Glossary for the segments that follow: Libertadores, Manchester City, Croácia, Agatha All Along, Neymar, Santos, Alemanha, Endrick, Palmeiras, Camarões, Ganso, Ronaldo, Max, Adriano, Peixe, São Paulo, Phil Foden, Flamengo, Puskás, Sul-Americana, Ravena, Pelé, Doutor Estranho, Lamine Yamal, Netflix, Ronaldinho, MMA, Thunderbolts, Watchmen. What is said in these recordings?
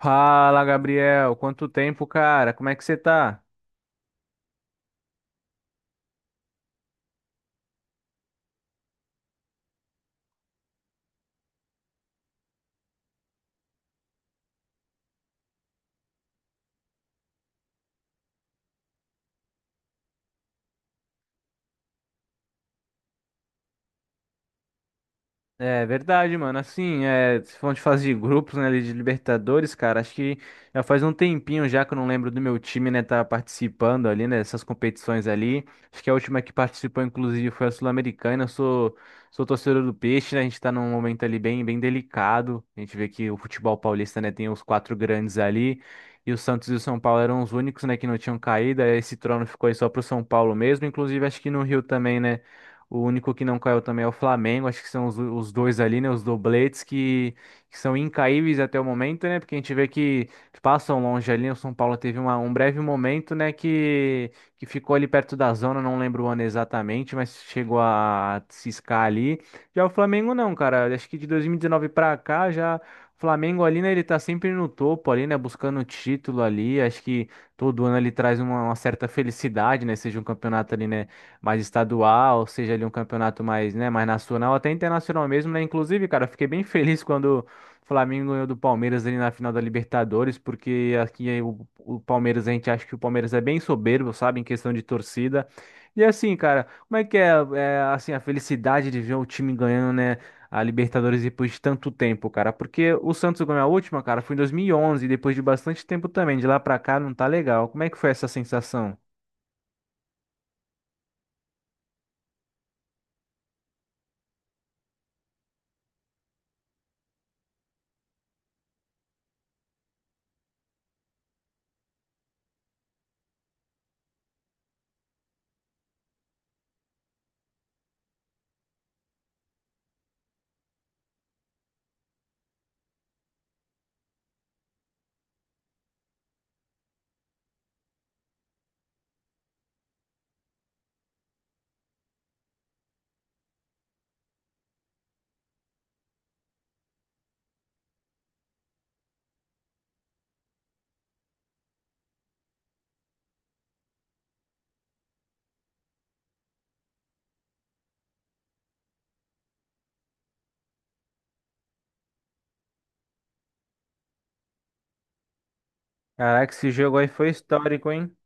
Fala, Gabriel. Quanto tempo, cara? Como é que você tá? É verdade, mano. Assim, é, se for de fase de grupos, né, ali de Libertadores, cara, acho que já faz um tempinho já que eu não lembro do meu time, né, tá participando ali, né, dessas competições ali. Acho que a última que participou, inclusive, foi a Sul-Americana. Eu sou torcedor do Peixe, né, a gente tá num momento ali bem, bem delicado. A gente vê que o futebol paulista, né, tem os quatro grandes ali, e o Santos e o São Paulo eram os únicos, né, que não tinham caído. Aí, esse trono ficou aí só pro São Paulo mesmo, inclusive acho que no Rio também, né, o único que não caiu também é o Flamengo. Acho que são os dois ali, né? Os dobletes que são incaíveis até o momento, né? Porque a gente vê que passam longe ali, né. O São Paulo teve um breve momento, né? Que ficou ali perto da zona, não lembro o ano exatamente, mas chegou a ciscar ali. Já o Flamengo não, cara. Acho que de 2019 pra cá já. O Flamengo ali, né, ele tá sempre no topo ali, né, buscando o título ali, acho que todo ano ele traz uma certa felicidade, né, seja um campeonato ali, né, mais estadual, seja ali um campeonato mais, né, mais nacional, até internacional mesmo, né? Inclusive, cara, eu fiquei bem feliz quando o Flamengo ganhou do Palmeiras ali na final da Libertadores, porque aqui o Palmeiras, a gente acha que o Palmeiras é bem soberbo, sabe, em questão de torcida. E assim, cara, como é que é, assim, a felicidade de ver o time ganhando, né? A Libertadores depois de tanto tempo, cara. Porque o Santos ganhou a última, cara, foi em 2011, e onze, depois de bastante tempo também. De lá pra cá não tá legal. Como é que foi essa sensação? Caraca, esse jogo aí foi histórico, hein?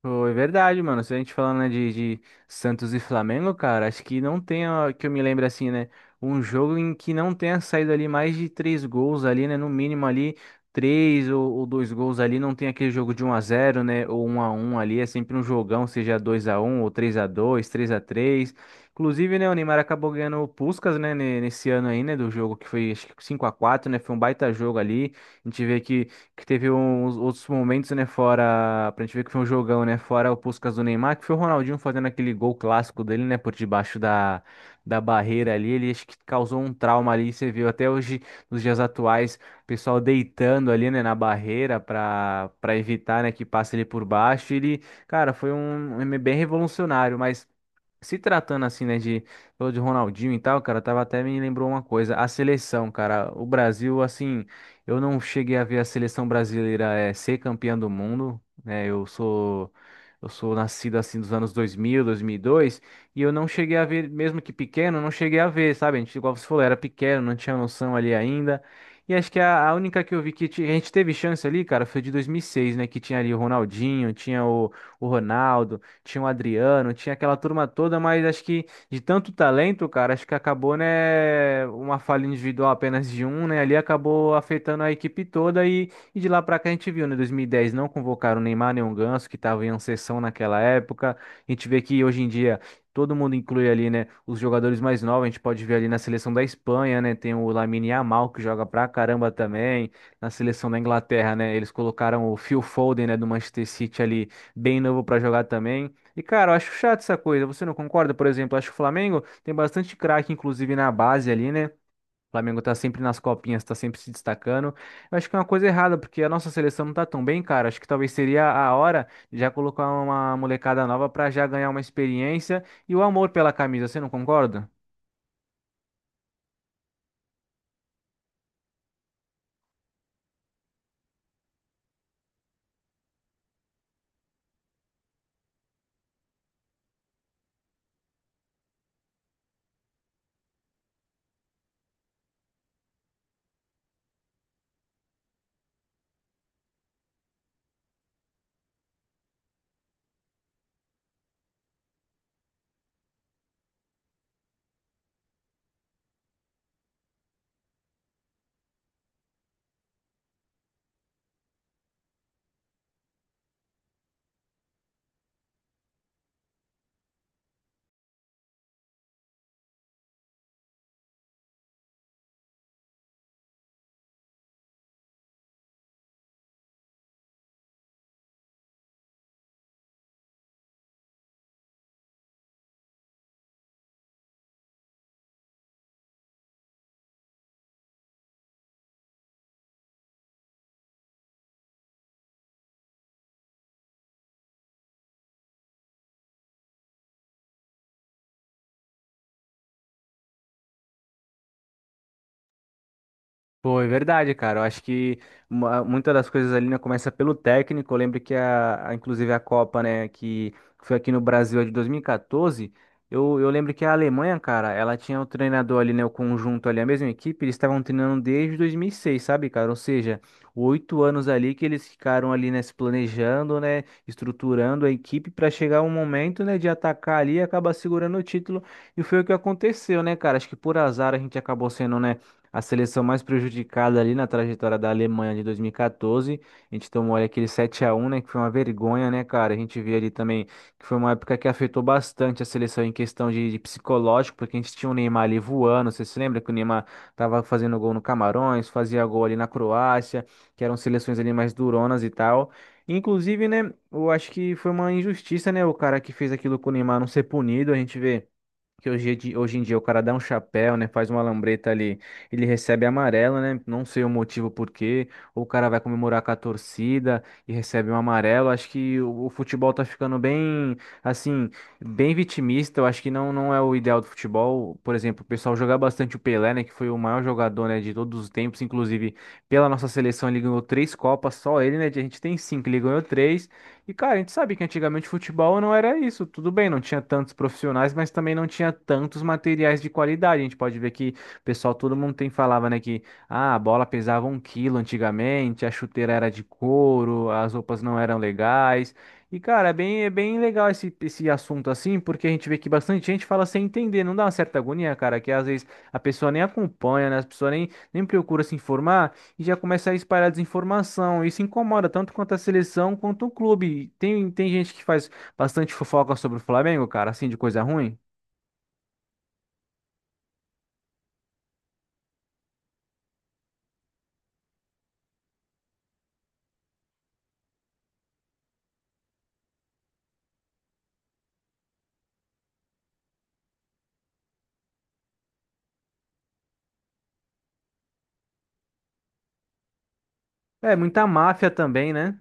Foi verdade, mano. Se a gente falando, né, de Santos e Flamengo, cara, acho que não tem, ó, que eu me lembro assim, né? Um jogo em que não tenha saído ali mais de três gols ali, né? No mínimo ali, três ou dois gols ali. Não tem aquele jogo de um a zero, né? Ou um a um ali. É sempre um jogão, seja 2 a um ou 3 a 2, 3 a 3. Inclusive, né, o Neymar acabou ganhando o Puskás, né, nesse ano aí, né, do jogo que foi, acho que 5 a quatro, né? Foi um baita jogo ali. A gente vê que teve uns outros momentos, né, fora, pra gente ver que foi um jogão, né, fora o Puskás do Neymar, que foi o Ronaldinho fazendo aquele gol clássico dele, né, por debaixo da barreira ali, ele acho que causou um trauma ali, você viu até hoje, nos dias atuais, o pessoal deitando ali, né, na barreira pra evitar, né, que passe ele por baixo, ele, cara, foi um bem revolucionário, mas... Se tratando assim, né, falou de Ronaldinho e tal, cara, tava até me lembrou uma coisa, a seleção, cara, o Brasil, assim, eu não cheguei a ver a seleção brasileira ser campeã do mundo, né? Eu sou nascido assim dos anos 2000, 2002, e dois, e eu não cheguei a ver, mesmo que pequeno, eu não cheguei a ver, sabe? A gente, igual você falou, era pequeno, não tinha noção ali ainda. E acho que a única que eu vi que a gente teve chance ali, cara, foi de 2006, né? Que tinha ali o Ronaldinho, tinha o Ronaldo, tinha o Adriano, tinha aquela turma toda, mas acho que de tanto talento, cara, acho que acabou, né, uma falha individual apenas de um, né, ali acabou afetando a equipe toda e de lá pra cá a gente viu, né, 2010 não convocaram o Neymar nem o Ganso, que estavam em ascensão naquela época, a gente vê que hoje em dia todo mundo inclui ali, né, os jogadores mais novos, a gente pode ver ali na seleção da Espanha, né, tem o Lamine Yamal, que joga pra caramba também, na seleção da Inglaterra, né, eles colocaram o Phil Foden, né, do Manchester City ali, bem novo pra jogar também, e, cara, eu acho chato essa coisa. Você não concorda? Por exemplo, eu acho que o Flamengo tem bastante craque, inclusive na base ali, né? O Flamengo tá sempre nas copinhas, tá sempre se destacando. Eu acho que é uma coisa errada, porque a nossa seleção não tá tão bem, cara. Acho que talvez seria a hora de já colocar uma molecada nova pra já ganhar uma experiência e o amor pela camisa. Você não concorda? Pô, é verdade, cara. Eu acho que muitas das coisas ali, né, começa pelo técnico. Eu lembro que inclusive a Copa, né, que foi aqui no Brasil a de 2014, eu lembro que a Alemanha, cara, ela tinha o treinador ali, né, o conjunto ali, a mesma equipe, eles estavam treinando desde 2006 sabe, cara? Ou seja, 8 anos ali que eles ficaram ali, né, se planejando, né, estruturando a equipe para chegar um momento, né, de atacar ali e acabar segurando o título. E foi o que aconteceu, né, cara? Acho que por azar a gente acabou sendo, né, a seleção mais prejudicada ali na trajetória da Alemanha de 2014. A gente tomou ali aquele 7-1, né? Que foi uma vergonha, né, cara? A gente vê ali também que foi uma época que afetou bastante a seleção em questão de, psicológico, porque a gente tinha o Neymar ali voando. Você se lembra que o Neymar tava fazendo gol no Camarões, fazia gol ali na Croácia, que eram seleções ali mais duronas e tal. Inclusive, né, eu acho que foi uma injustiça, né, o cara que fez aquilo com o Neymar não ser punido. A gente vê. Que hoje, hoje em dia o cara dá um chapéu, né? Faz uma lambreta ali, ele recebe amarelo, né? Não sei o motivo por quê. Ou o cara vai comemorar com a torcida e recebe um amarelo. Acho que o futebol tá ficando bem, assim, bem vitimista. Eu acho que não, não é o ideal do futebol. Por exemplo, o pessoal jogar bastante o Pelé, né? Que foi o maior jogador, né, de todos os tempos. Inclusive, pela nossa seleção, ele ganhou três Copas, só ele, né? A gente tem cinco, ele ganhou três. E, cara, a gente sabe que antigamente futebol não era isso. Tudo bem, não tinha tantos profissionais, mas também não tinha tantos materiais de qualidade. A gente pode ver que pessoal, todo mundo tem falava, né, que ah, a bola pesava um quilo antigamente, a chuteira era de couro, as roupas não eram legais. E, cara, é bem legal esse assunto assim, porque a gente vê que bastante gente fala sem entender, não dá uma certa agonia, cara, que às vezes a pessoa nem acompanha, né? A pessoa nem procura se informar e já começa a espalhar desinformação. Isso incomoda tanto quanto a seleção quanto o clube. Tem gente que faz bastante fofoca sobre o Flamengo, cara, assim, de coisa ruim. É, muita máfia também, né?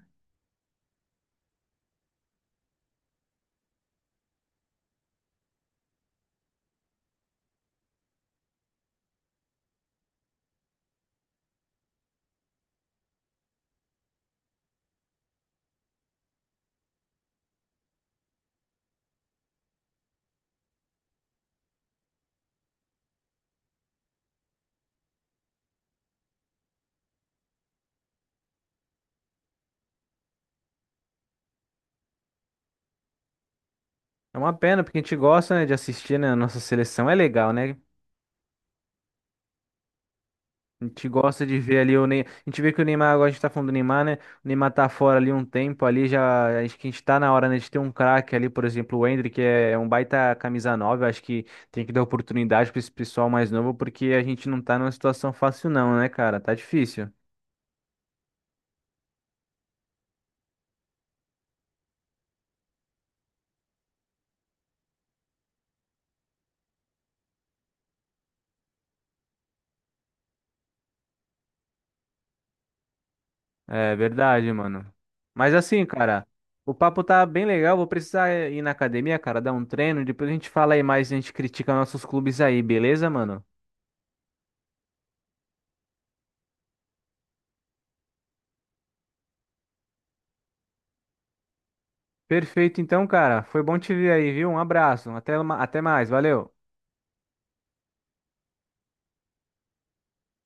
É uma pena, porque a gente gosta, né, de assistir, né, a nossa seleção. É legal, né? A gente gosta de ver ali o Neymar. A gente vê que o Neymar, agora a gente tá falando do Neymar, né? O Neymar tá fora ali um tempo ali, já. Acho que a gente tá na hora, né, de ter um craque ali, por exemplo, o Endrick, que é um baita camisa 9. Eu acho que tem que dar oportunidade pra esse pessoal mais novo, porque a gente não tá numa situação fácil, não, né, cara? Tá difícil. É verdade, mano. Mas assim, cara, o papo tá bem legal. Vou precisar ir na academia, cara, dar um treino. Depois a gente fala aí mais, a gente critica nossos clubes aí, beleza, mano? Perfeito, então, cara. Foi bom te ver aí, viu? Um abraço. Até, até mais. Valeu.